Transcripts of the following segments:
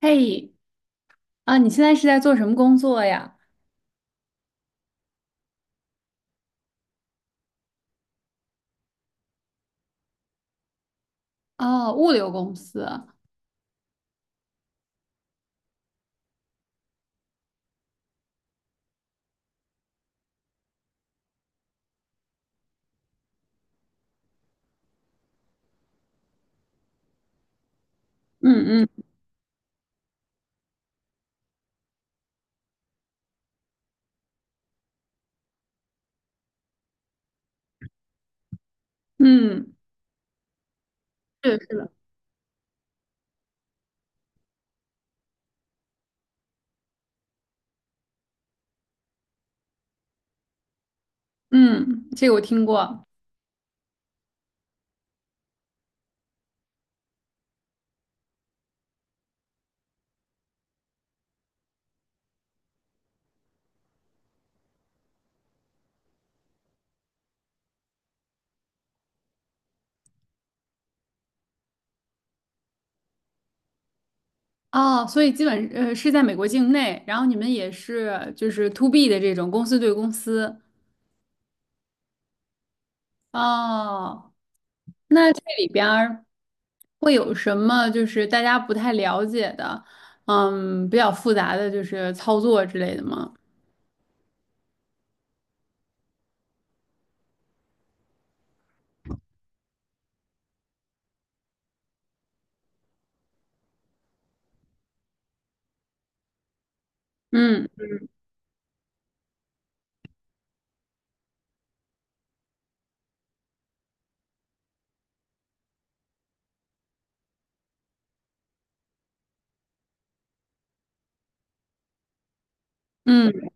嘿，啊，你现在是在做什么工作呀？哦，物流公司。嗯嗯嗯，是的，是的。嗯，这个我听过。哦，所以基本是在美国境内，然后你们也是就是 to B 的这种公司对公司。哦，那这里边儿会有什么就是大家不太了解的，嗯，比较复杂的就是操作之类的吗？嗯嗯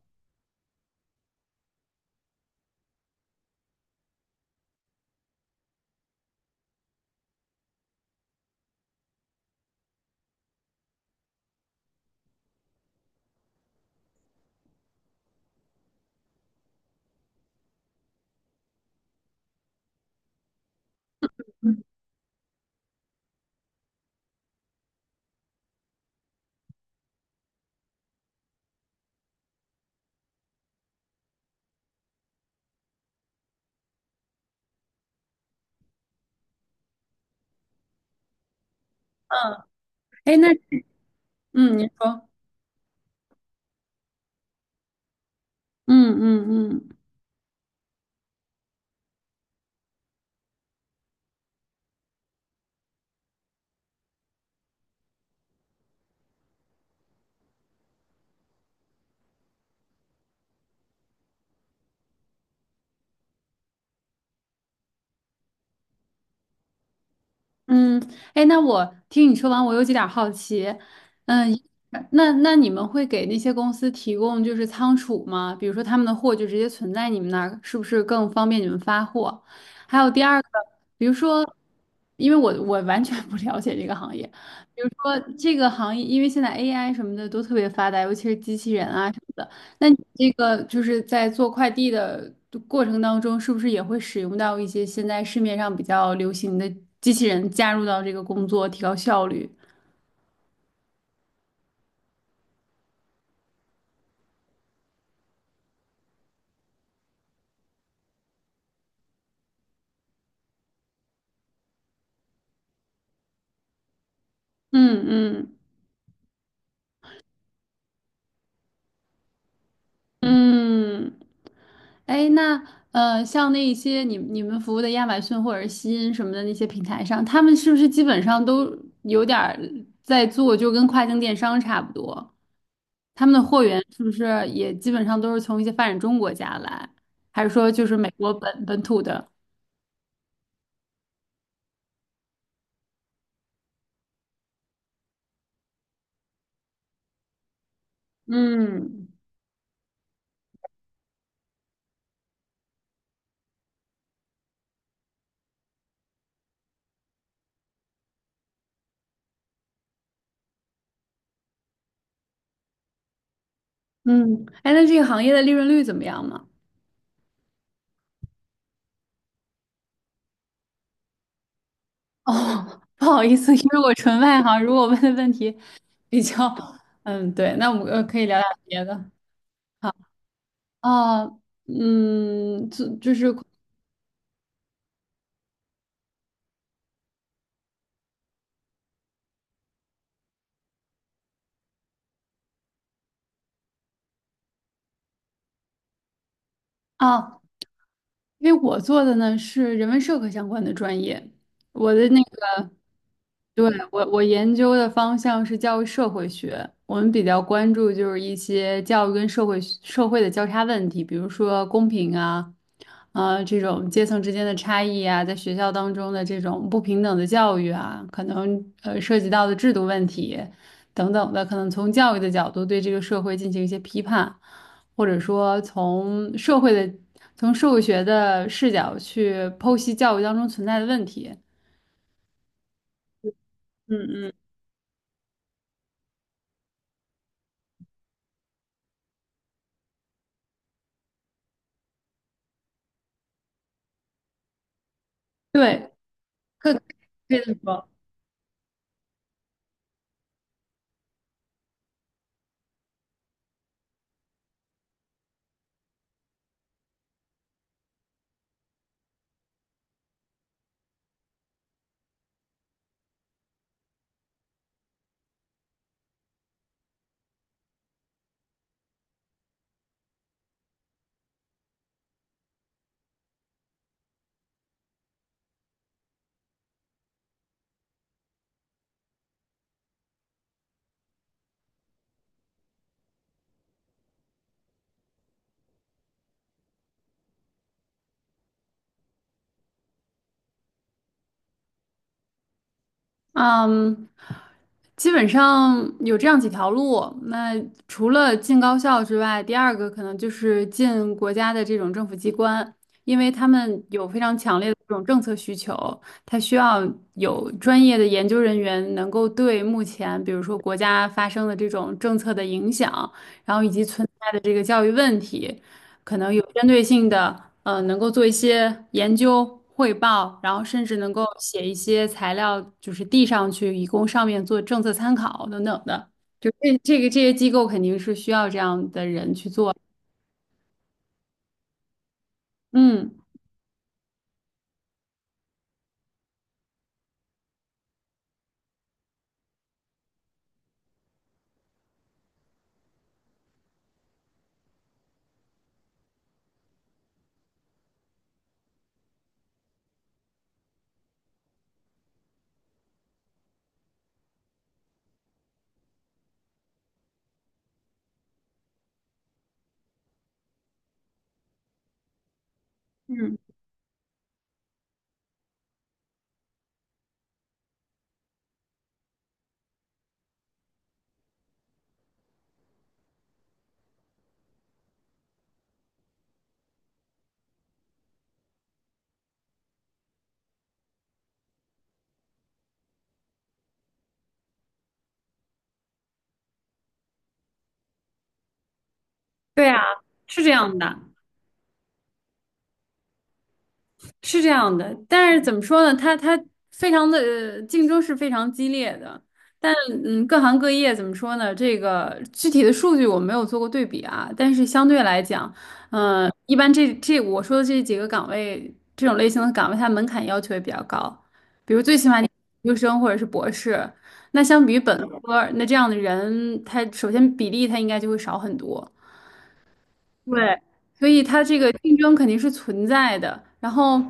嗯，哎，那嗯，你说。嗯嗯嗯。嗯，哎，那我听你说完，我有几点儿好奇。嗯，那你们会给那些公司提供就是仓储吗？比如说他们的货就直接存在你们那儿，是不是更方便你们发货？还有第二个，比如说，因为我完全不了解这个行业。比如说这个行业，因为现在 AI 什么的都特别发达，尤其是机器人啊什么的。那你这个就是在做快递的过程当中，是不是也会使用到一些现在市面上比较流行的机器人加入到这个工作，提高效率？嗯嗯。嗯，哎，那像那一些你们服务的亚马逊或者西音什么的那些平台上，他们是不是基本上都有点儿在做，就跟跨境电商差不多？他们的货源是不是也基本上都是从一些发展中国家来，还是说就是美国本土的？嗯嗯，哎，那这个行业的利润率怎么样呢？哦，不好意思，因为我纯外行，如果问的问题比较，嗯，对，那我们可以聊聊别的。啊，嗯，就是啊，因为我做的呢是人文社科相关的专业，我的那个，对，我研究的方向是教育社会学，我们比较关注就是一些教育跟社会的交叉问题，比如说公平啊，这种阶层之间的差异啊，在学校当中的这种不平等的教育啊，可能涉及到的制度问题等等的，可能从教育的角度对这个社会进行一些批判。或者说从社会的、从社会学的视角去剖析教育当中存在的问题。嗯嗯，对，可以可以这么说。嗯，基本上有这样几条路。那除了进高校之外，第二个可能就是进国家的这种政府机关，因为他们有非常强烈的这种政策需求，他需要有专业的研究人员能够对目前，比如说国家发生的这种政策的影响，然后以及存在的这个教育问题。可能有针对性的，能够做一些研究汇报，然后甚至能够写一些材料，就是递上去，以供上面做政策参考等等的。就这个这些机构肯定是需要这样的人去做。嗯嗯，对啊，是这样的。是这样的，但是怎么说呢？它非常的竞争是非常激烈的，但嗯，各行各业怎么说呢？这个具体的数据我没有做过对比啊，但是相对来讲，嗯、一般这我说的这几个岗位，这种类型的岗位，它门槛要求也比较高，比如最起码你研究生或者是博士，那相比于本科，那这样的人，他首先比例他应该就会少很多。对，所以它这个竞争肯定是存在的。然后，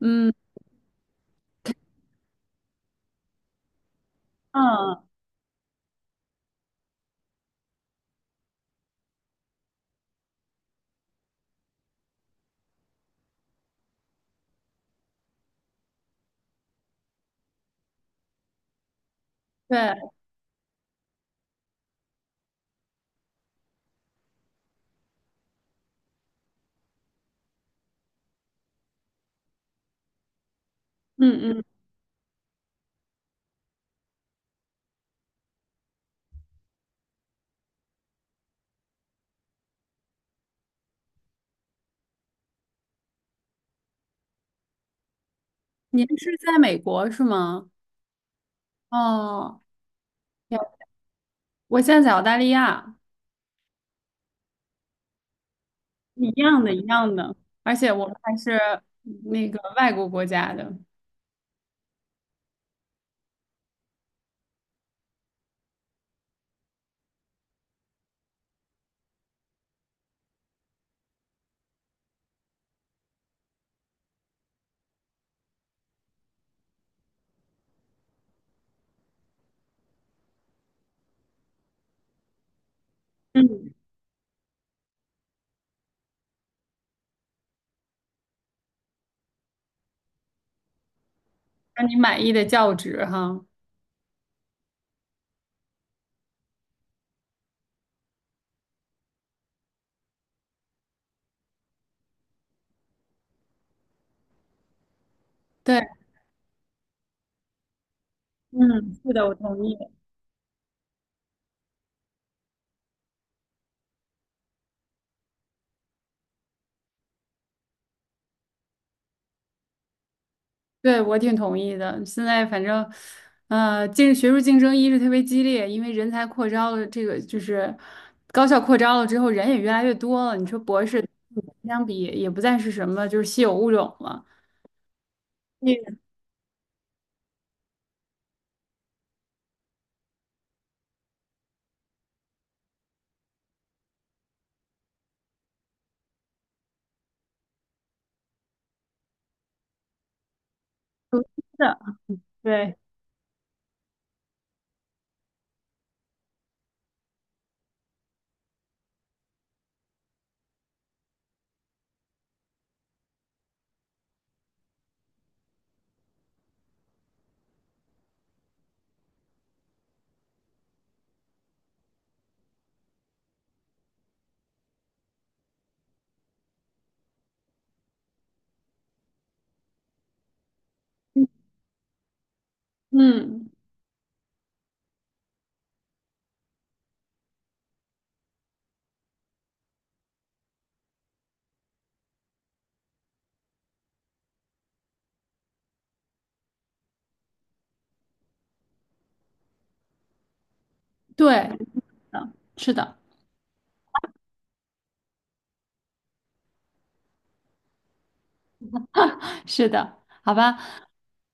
嗯，嗯，对，嗯嗯，您是在美国是吗？哦，呀我现在在澳大利亚，一样的,一样的,而且我们还是那个外国国家的，嗯，让你满意的教职哈。对，嗯，是的，我同意。对，我挺同意的。现在反正，呃，竞学术竞争一是特别激烈，因为人才扩招了，这个就是高校扩招了之后，人也越来越多了。你说博士相比也不再是什么就是稀有物种了。也是的，对，嗯，对，是的，是的，是的，好吧。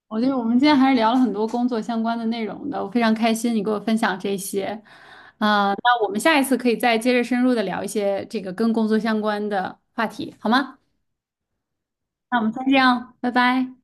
我觉得我们今天还是聊了很多工作相关的内容的，我非常开心你给我分享这些。啊、那我们下一次可以再接着深入的聊一些这个跟工作相关的话题，好吗？那我们先这样，拜拜。